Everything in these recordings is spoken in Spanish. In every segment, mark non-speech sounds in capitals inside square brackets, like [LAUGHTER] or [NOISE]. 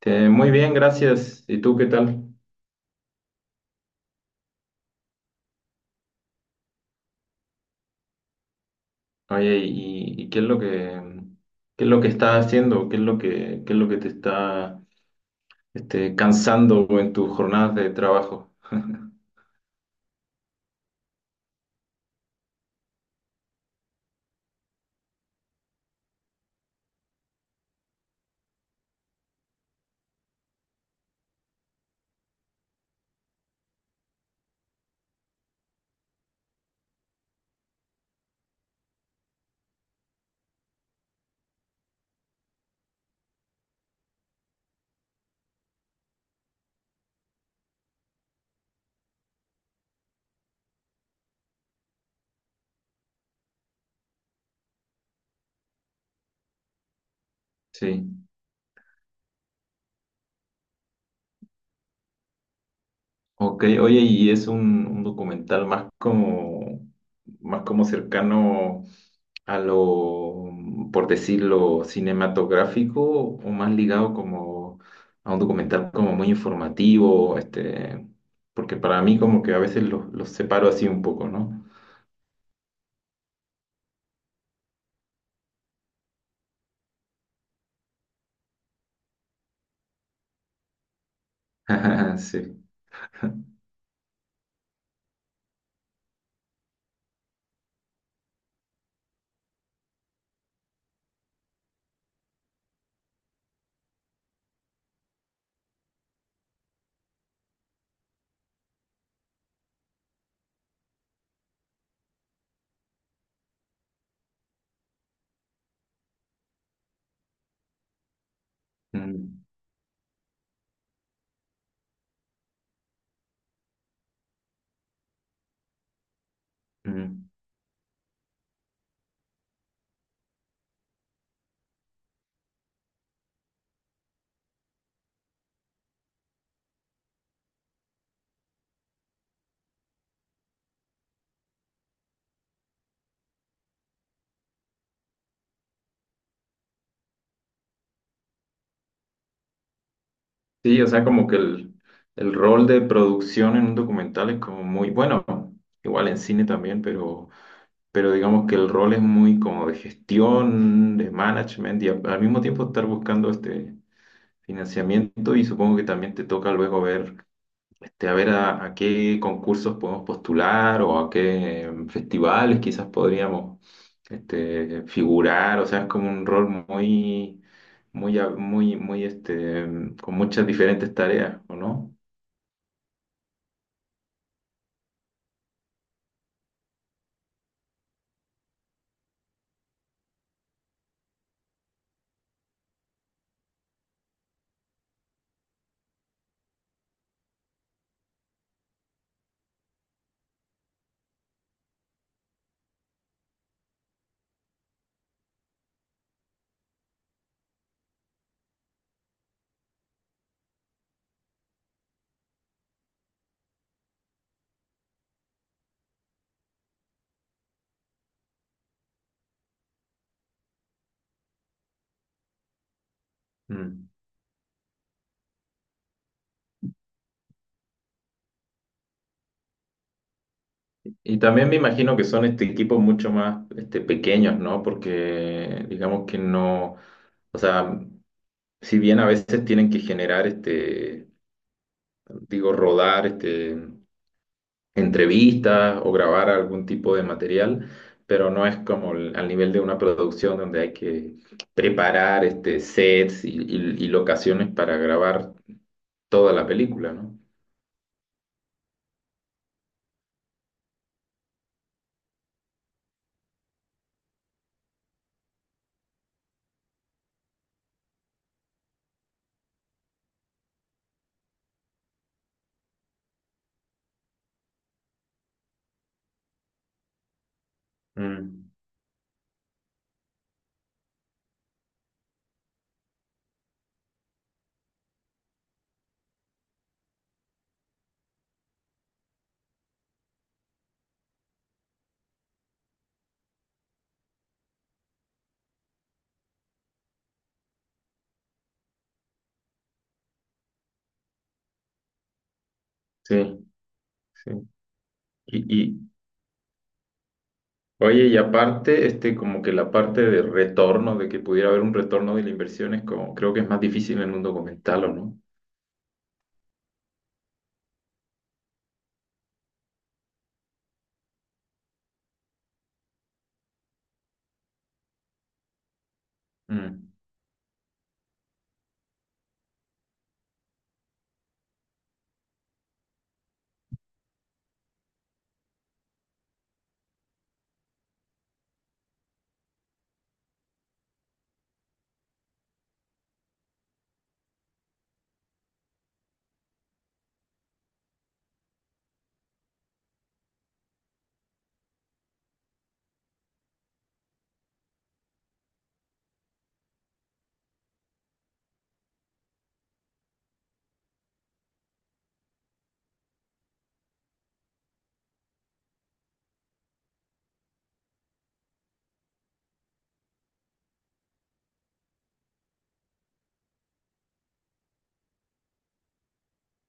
Muy bien, gracias. ¿Y tú qué tal? Oye, ¿y qué es lo que estás haciendo? ¿Qué es lo que te está cansando en tus jornadas de trabajo? [LAUGHS] Sí. Ok, oye, y es un documental más como cercano a lo, por decirlo, cinematográfico o más ligado como a un documental como muy informativo, porque para mí como que a veces los separo así un poco, ¿no? [LAUGHS] Sí. Mm, mm. Sí, o sea, como que el rol de producción en un documental es como muy bueno, igual en cine también, pero digamos que el rol es muy como de gestión, de management y al mismo tiempo estar buscando financiamiento y supongo que también te toca luego ver, a ver a qué concursos podemos postular o a qué festivales quizás podríamos figurar, o sea, es como un rol muy, muy, con muchas diferentes tareas, ¿o no? Mm. Y también me imagino que son equipos mucho más pequeños, ¿no? Porque digamos que no, o sea, si bien a veces tienen que generar, digo, rodar entrevistas o grabar algún tipo de material, pero no es como al nivel de una producción donde hay que preparar sets y locaciones para grabar toda la película, ¿no? Mm, sí, sí. Y, Oye, y aparte, como que la parte de retorno, de que pudiera haber un retorno de la inversión, es como, creo que es más difícil en un documental, ¿o no? Mm,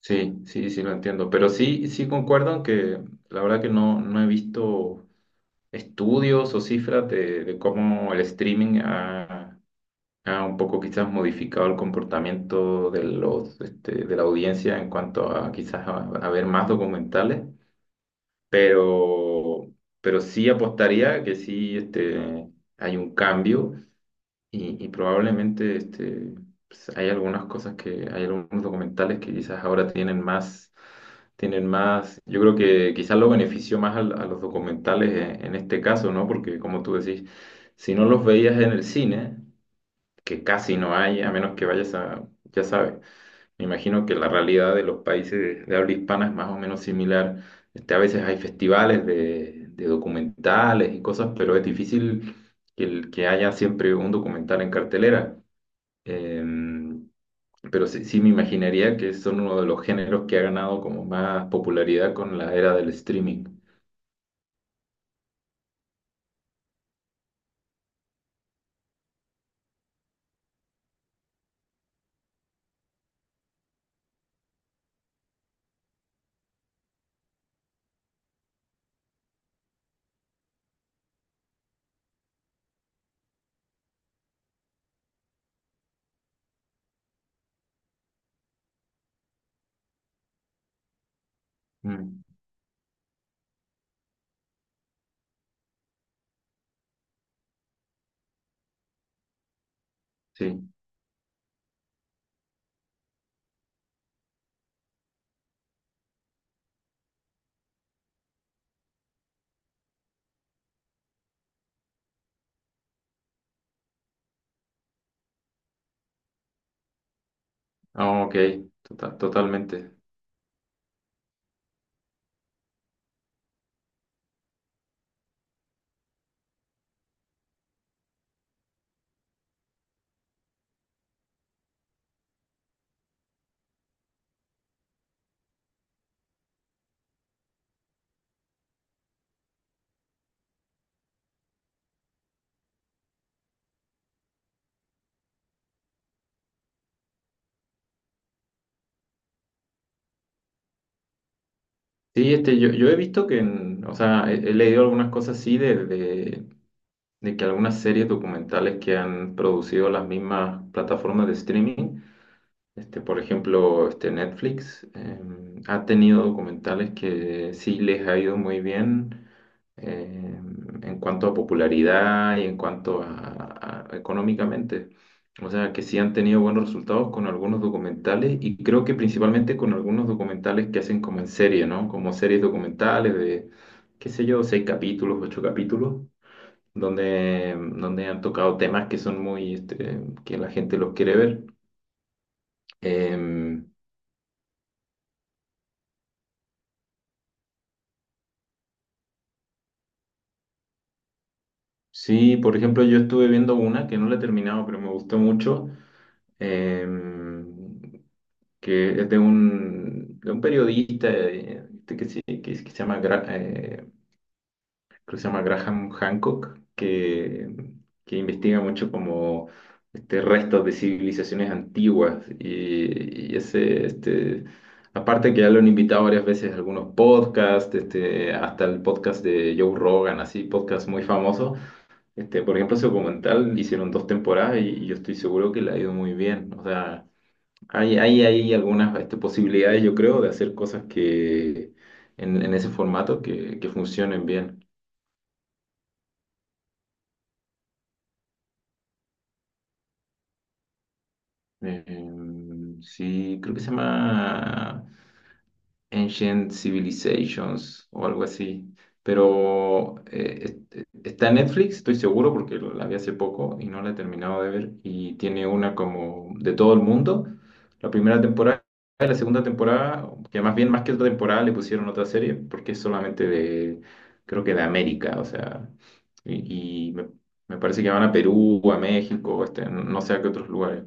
sí, sí, sí lo entiendo. Pero sí, sí concuerdo en que la verdad que no, no he visto estudios o cifras de cómo el streaming ha un poco quizás modificado el comportamiento de los, de la audiencia en cuanto a quizás a ver más documentales, pero, pero sí apostaría que sí, hay un cambio y probablemente hay algunas cosas que, hay algunos documentales que quizás ahora tienen más, yo creo que quizás lo benefició más a los documentales en este caso, ¿no? Porque como tú decís, si no los veías en el cine, que casi no hay, a menos que vayas a, ya sabes. Me imagino que la realidad de los países de habla hispana es más o menos similar. A veces hay festivales de documentales y cosas, pero es difícil que, que haya siempre un documental en cartelera. Em, pero sí, sí me imaginaría que son uno de los géneros que ha ganado como más popularidad con la era del streaming. Mm, sí. Ah, ok. Totalmente. Sí, yo he visto que, o sea, he leído algunas cosas así de que algunas series documentales que han producido las mismas plataformas de streaming, por ejemplo, este Netflix, ha tenido documentales que sí les ha ido muy bien eh, en cuanto a popularidad y en cuanto a, económicamente. O sea, que sí han tenido buenos resultados con algunos documentales y creo que principalmente con algunos documentales que hacen como en serie, ¿no? Como series documentales de, qué sé yo, seis capítulos, ocho capítulos donde, donde han tocado temas que son muy, que la gente los quiere ver. Em, sí, por ejemplo, yo estuve viendo una que no la he terminado, pero me gustó mucho, em, que es de un periodista que se llama Graham creo que se llama Graham Hancock, que investiga mucho como restos de civilizaciones antiguas. Y ese, aparte que ya lo han invitado varias veces a algunos podcasts, hasta el podcast de Joe Rogan, así, podcast muy famoso. Por ejemplo, su documental hicieron dos temporadas y yo estoy seguro que le ha ido muy bien. O sea, hay, hay algunas posibilidades, yo creo, de hacer cosas que en ese formato que funcionen bien. Sí, creo que se llama Ancient Civilizations o algo así. Pero está en Netflix, estoy seguro, porque la vi hace poco y no la he terminado de ver. Y tiene una como de todo el mundo. La primera temporada y la segunda temporada, que más bien más que otra temporada le pusieron otra serie, porque es solamente de, creo que de América, o sea, y, y me, me parece que van a Perú, a México, no sé a qué otros lugares.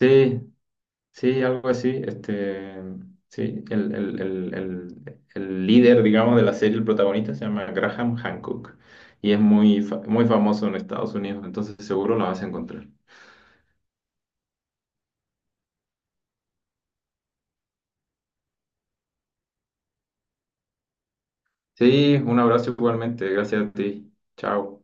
Sí, sí, algo así. Sí, el, el líder, digamos, de la serie, el protagonista, se llama Graham Hancock y es muy, muy famoso en Estados Unidos, entonces seguro la vas a encontrar. Sí, un abrazo igualmente, gracias a ti. Chao.